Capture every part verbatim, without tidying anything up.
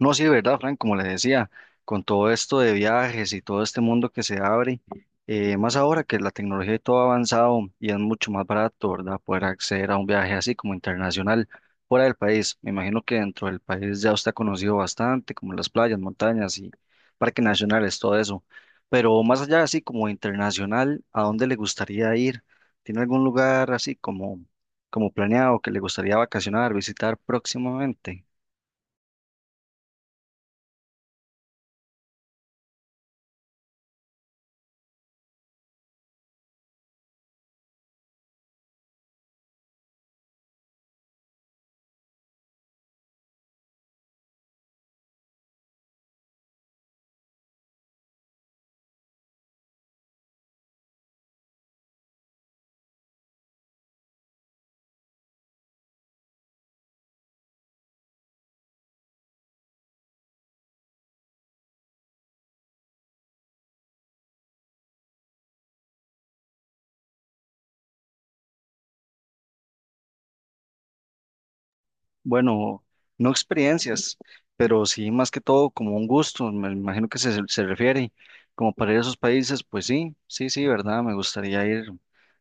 No, sí, de verdad, Frank, como les decía, con todo esto de viajes y todo este mundo que se abre, eh, más ahora que la tecnología y todo ha avanzado y es mucho más barato, ¿verdad? Poder acceder a un viaje así como internacional fuera del país. Me imagino que dentro del país ya usted ha conocido bastante, como las playas, montañas y parques nacionales, todo eso. Pero más allá así como internacional, ¿a dónde le gustaría ir? ¿Tiene algún lugar así como, como planeado que le gustaría vacacionar, visitar próximamente? Bueno, no experiencias, pero sí más que todo como un gusto, me imagino que se, se refiere, como para ir a esos países, pues sí, sí, sí, ¿verdad? Me gustaría ir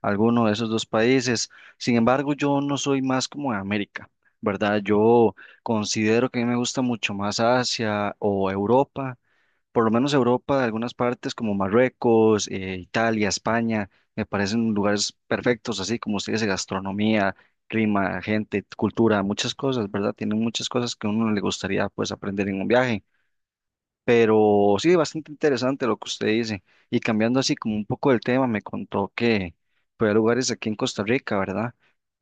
a alguno de esos dos países. Sin embargo, yo no soy más como de América, ¿verdad? Yo considero que a mí me gusta mucho más Asia o Europa, por lo menos Europa, algunas partes como Marruecos, eh, Italia, España, me parecen lugares perfectos, así como ustedes, gastronomía, clima, gente, cultura, muchas cosas, ¿verdad? Tienen muchas cosas que a uno le gustaría pues aprender en un viaje. Pero sí, bastante interesante lo que usted dice. Y cambiando así como un poco el tema, me contó que fue a lugares aquí en Costa Rica, ¿verdad?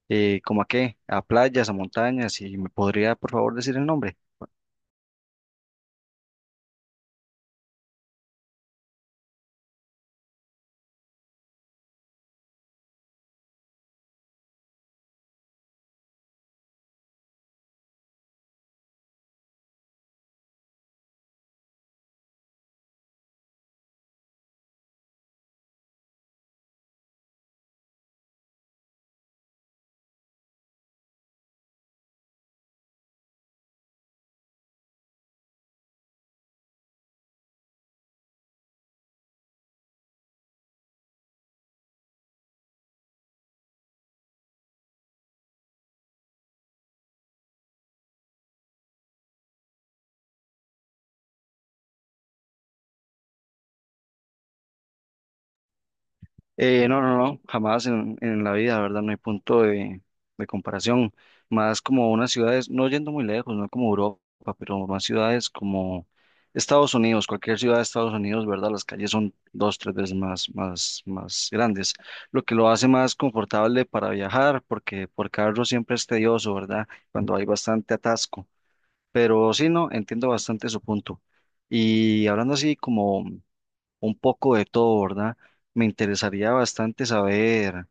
Eh, ¿cómo a qué? A playas, a montañas, y me podría por favor decir el nombre. Eh, no, no, no, jamás en, en la vida, ¿verdad? No hay punto de, de comparación. Más como unas ciudades, no yendo muy lejos, no como Europa, pero más ciudades como Estados Unidos, cualquier ciudad de Estados Unidos, ¿verdad? Las calles son dos, tres veces más, más, más grandes, lo que lo hace más confortable para viajar, porque por carro siempre es tedioso, ¿verdad? Cuando hay bastante atasco. Pero sí, no, entiendo bastante su punto. Y hablando así como un poco de todo, ¿verdad? Me interesaría bastante saber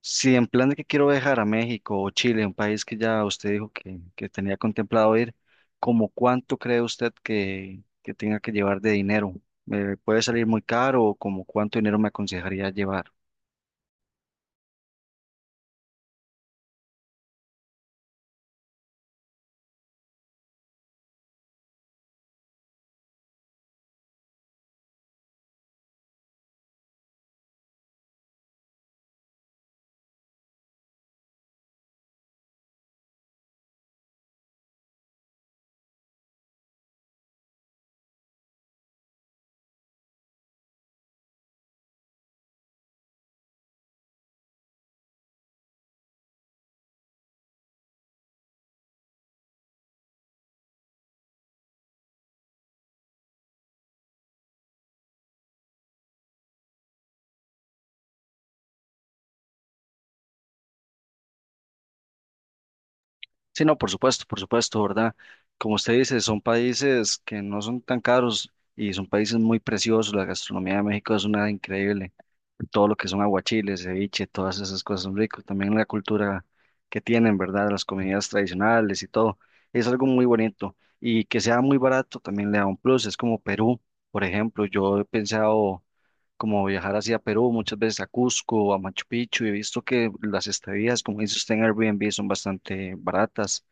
si en plan de que quiero viajar a México o Chile, un país que ya usted dijo que, que tenía contemplado ir, ¿como cuánto cree usted que, que tenga que llevar de dinero? ¿Me puede salir muy caro o como cuánto dinero me aconsejaría llevar? Sí, no, por supuesto, por supuesto, ¿verdad? Como usted dice, son países que no son tan caros y son países muy preciosos. La gastronomía de México es una increíble. Todo lo que son aguachiles, ceviche, todas esas cosas son ricos. También la cultura que tienen, ¿verdad? Las comidas tradicionales y todo. Es algo muy bonito. Y que sea muy barato también le da un plus. Es como Perú, por ejemplo. Yo he pensado como viajar hacia Perú muchas veces a Cusco, a Machu Picchu. Y he visto que las estadías, como dice usted en Airbnb, son bastante baratas,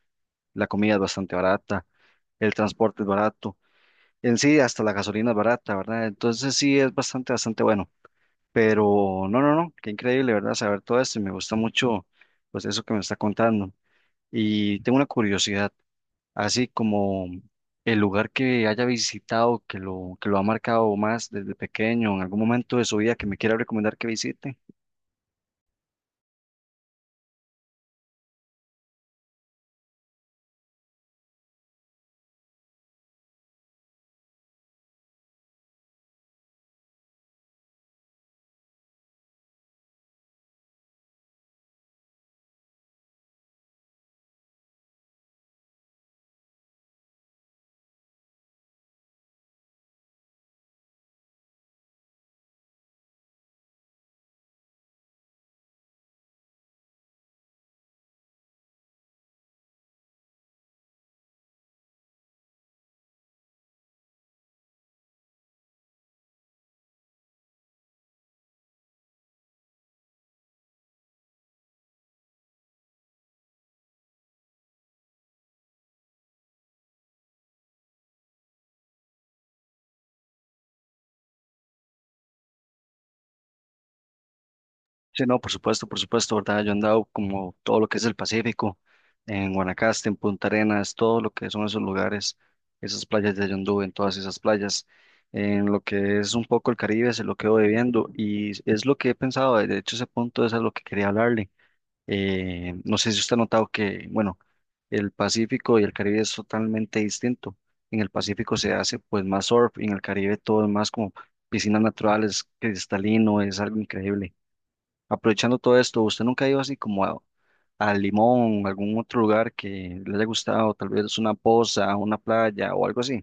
la comida es bastante barata, el transporte es barato, en sí hasta la gasolina es barata, ¿verdad? Entonces sí es bastante, bastante bueno. Pero no, no, no, qué increíble, ¿verdad? Saber todo esto y me gusta mucho, pues eso que me está contando. Y tengo una curiosidad, así como el lugar que haya visitado, que lo, que lo ha marcado más desde pequeño, en algún momento de su vida que me quiera recomendar que visite. Sí, no, por supuesto, por supuesto, ¿verdad? Yo he andado como todo lo que es el Pacífico, en Guanacaste, en Punta Arenas, todo lo que son esos lugares, esas playas de Yondú, en todas esas playas, en lo que es un poco el Caribe, se lo quedo debiendo y es lo que he pensado, de hecho ese punto es a lo que quería hablarle. Eh, no sé si usted ha notado que, bueno, el Pacífico y el Caribe es totalmente distinto. En el Pacífico se hace pues más surf, y en el Caribe todo es más como piscinas naturales, cristalino, es algo increíble. Aprovechando todo esto, ¿usted nunca ha ido así como a, a Limón, algún otro lugar que le haya gustado? Tal vez una poza, una playa o algo así.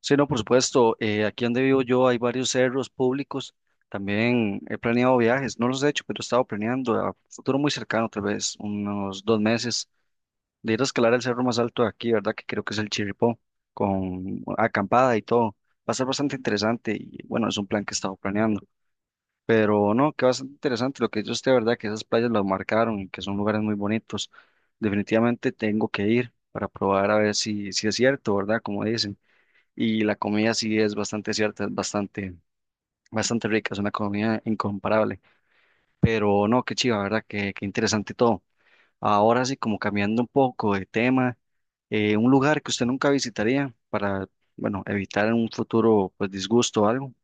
Sí, no, por supuesto. Eh, aquí donde vivo yo hay varios cerros públicos. También he planeado viajes, no los he hecho, pero he estado planeando a futuro muy cercano, tal vez unos dos meses, de ir a escalar el cerro más alto de aquí, ¿verdad? Que creo que es el Chirripó, con acampada y todo. Va a ser bastante interesante y bueno, es un plan que he estado planeando. Pero no, que bastante interesante lo que dice usted, ¿verdad? Que esas playas las marcaron y que son lugares muy bonitos. Definitivamente tengo que ir para probar a ver si, si es cierto, ¿verdad? Como dicen. Y la comida sí es bastante cierta, es bastante, bastante rica, es una comida incomparable. Pero no, qué chiva, ¿verdad? Qué, qué interesante todo. Ahora sí, como cambiando un poco de tema, eh, un lugar que usted nunca visitaría para, bueno, evitar en un futuro, pues, disgusto o algo.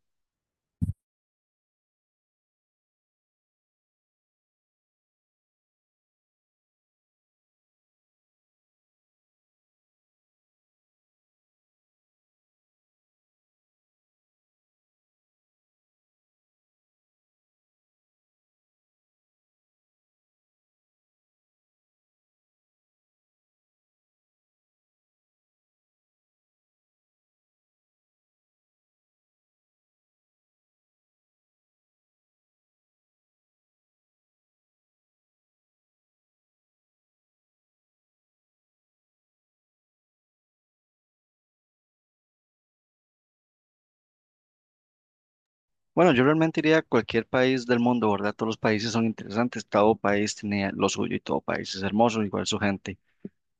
Bueno, yo realmente iría a cualquier país del mundo, ¿verdad? Todos los países son interesantes, todo país tiene lo suyo y todo país es hermoso, igual su gente.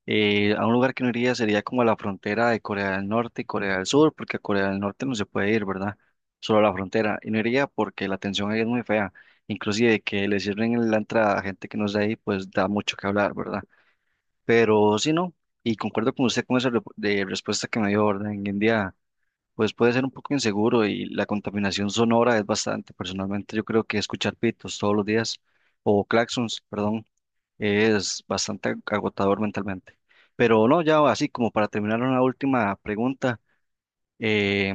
Eh, a un lugar que no iría sería como a la frontera de Corea del Norte y Corea del Sur, porque a Corea del Norte no se puede ir, ¿verdad? Solo a la frontera. Y no iría porque la atención ahí es muy fea. Inclusive que le cierren la entrada a gente que no es de ahí, pues da mucho que hablar, ¿verdad? Pero sí, no. Y concuerdo con usted con esa re- de respuesta que me dio, ¿verdad? En India pues puede ser un poco inseguro y la contaminación sonora es bastante. Personalmente yo creo que escuchar pitos todos los días o claxons, perdón, es bastante agotador mentalmente. Pero no, ya así como para terminar una última pregunta, eh,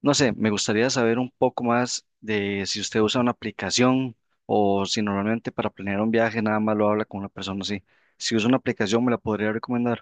no sé, me gustaría saber un poco más de si usted usa una aplicación o si normalmente para planear un viaje nada más lo habla con una persona así. Si usa una aplicación, ¿me la podría recomendar?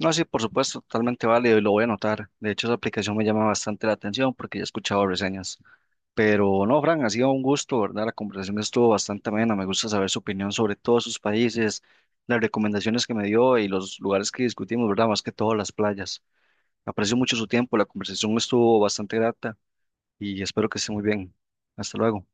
No, sí, por supuesto, totalmente válido y lo voy a anotar. De hecho, esa aplicación me llama bastante la atención porque ya he escuchado reseñas. Pero no, Fran, ha sido un gusto, ¿verdad? La conversación estuvo bastante amena. Me gusta saber su opinión sobre todos sus países, las recomendaciones que me dio y los lugares que discutimos, ¿verdad? Más que todo las playas. Aprecio mucho su tiempo, la conversación estuvo bastante grata y espero que esté muy bien. Hasta luego.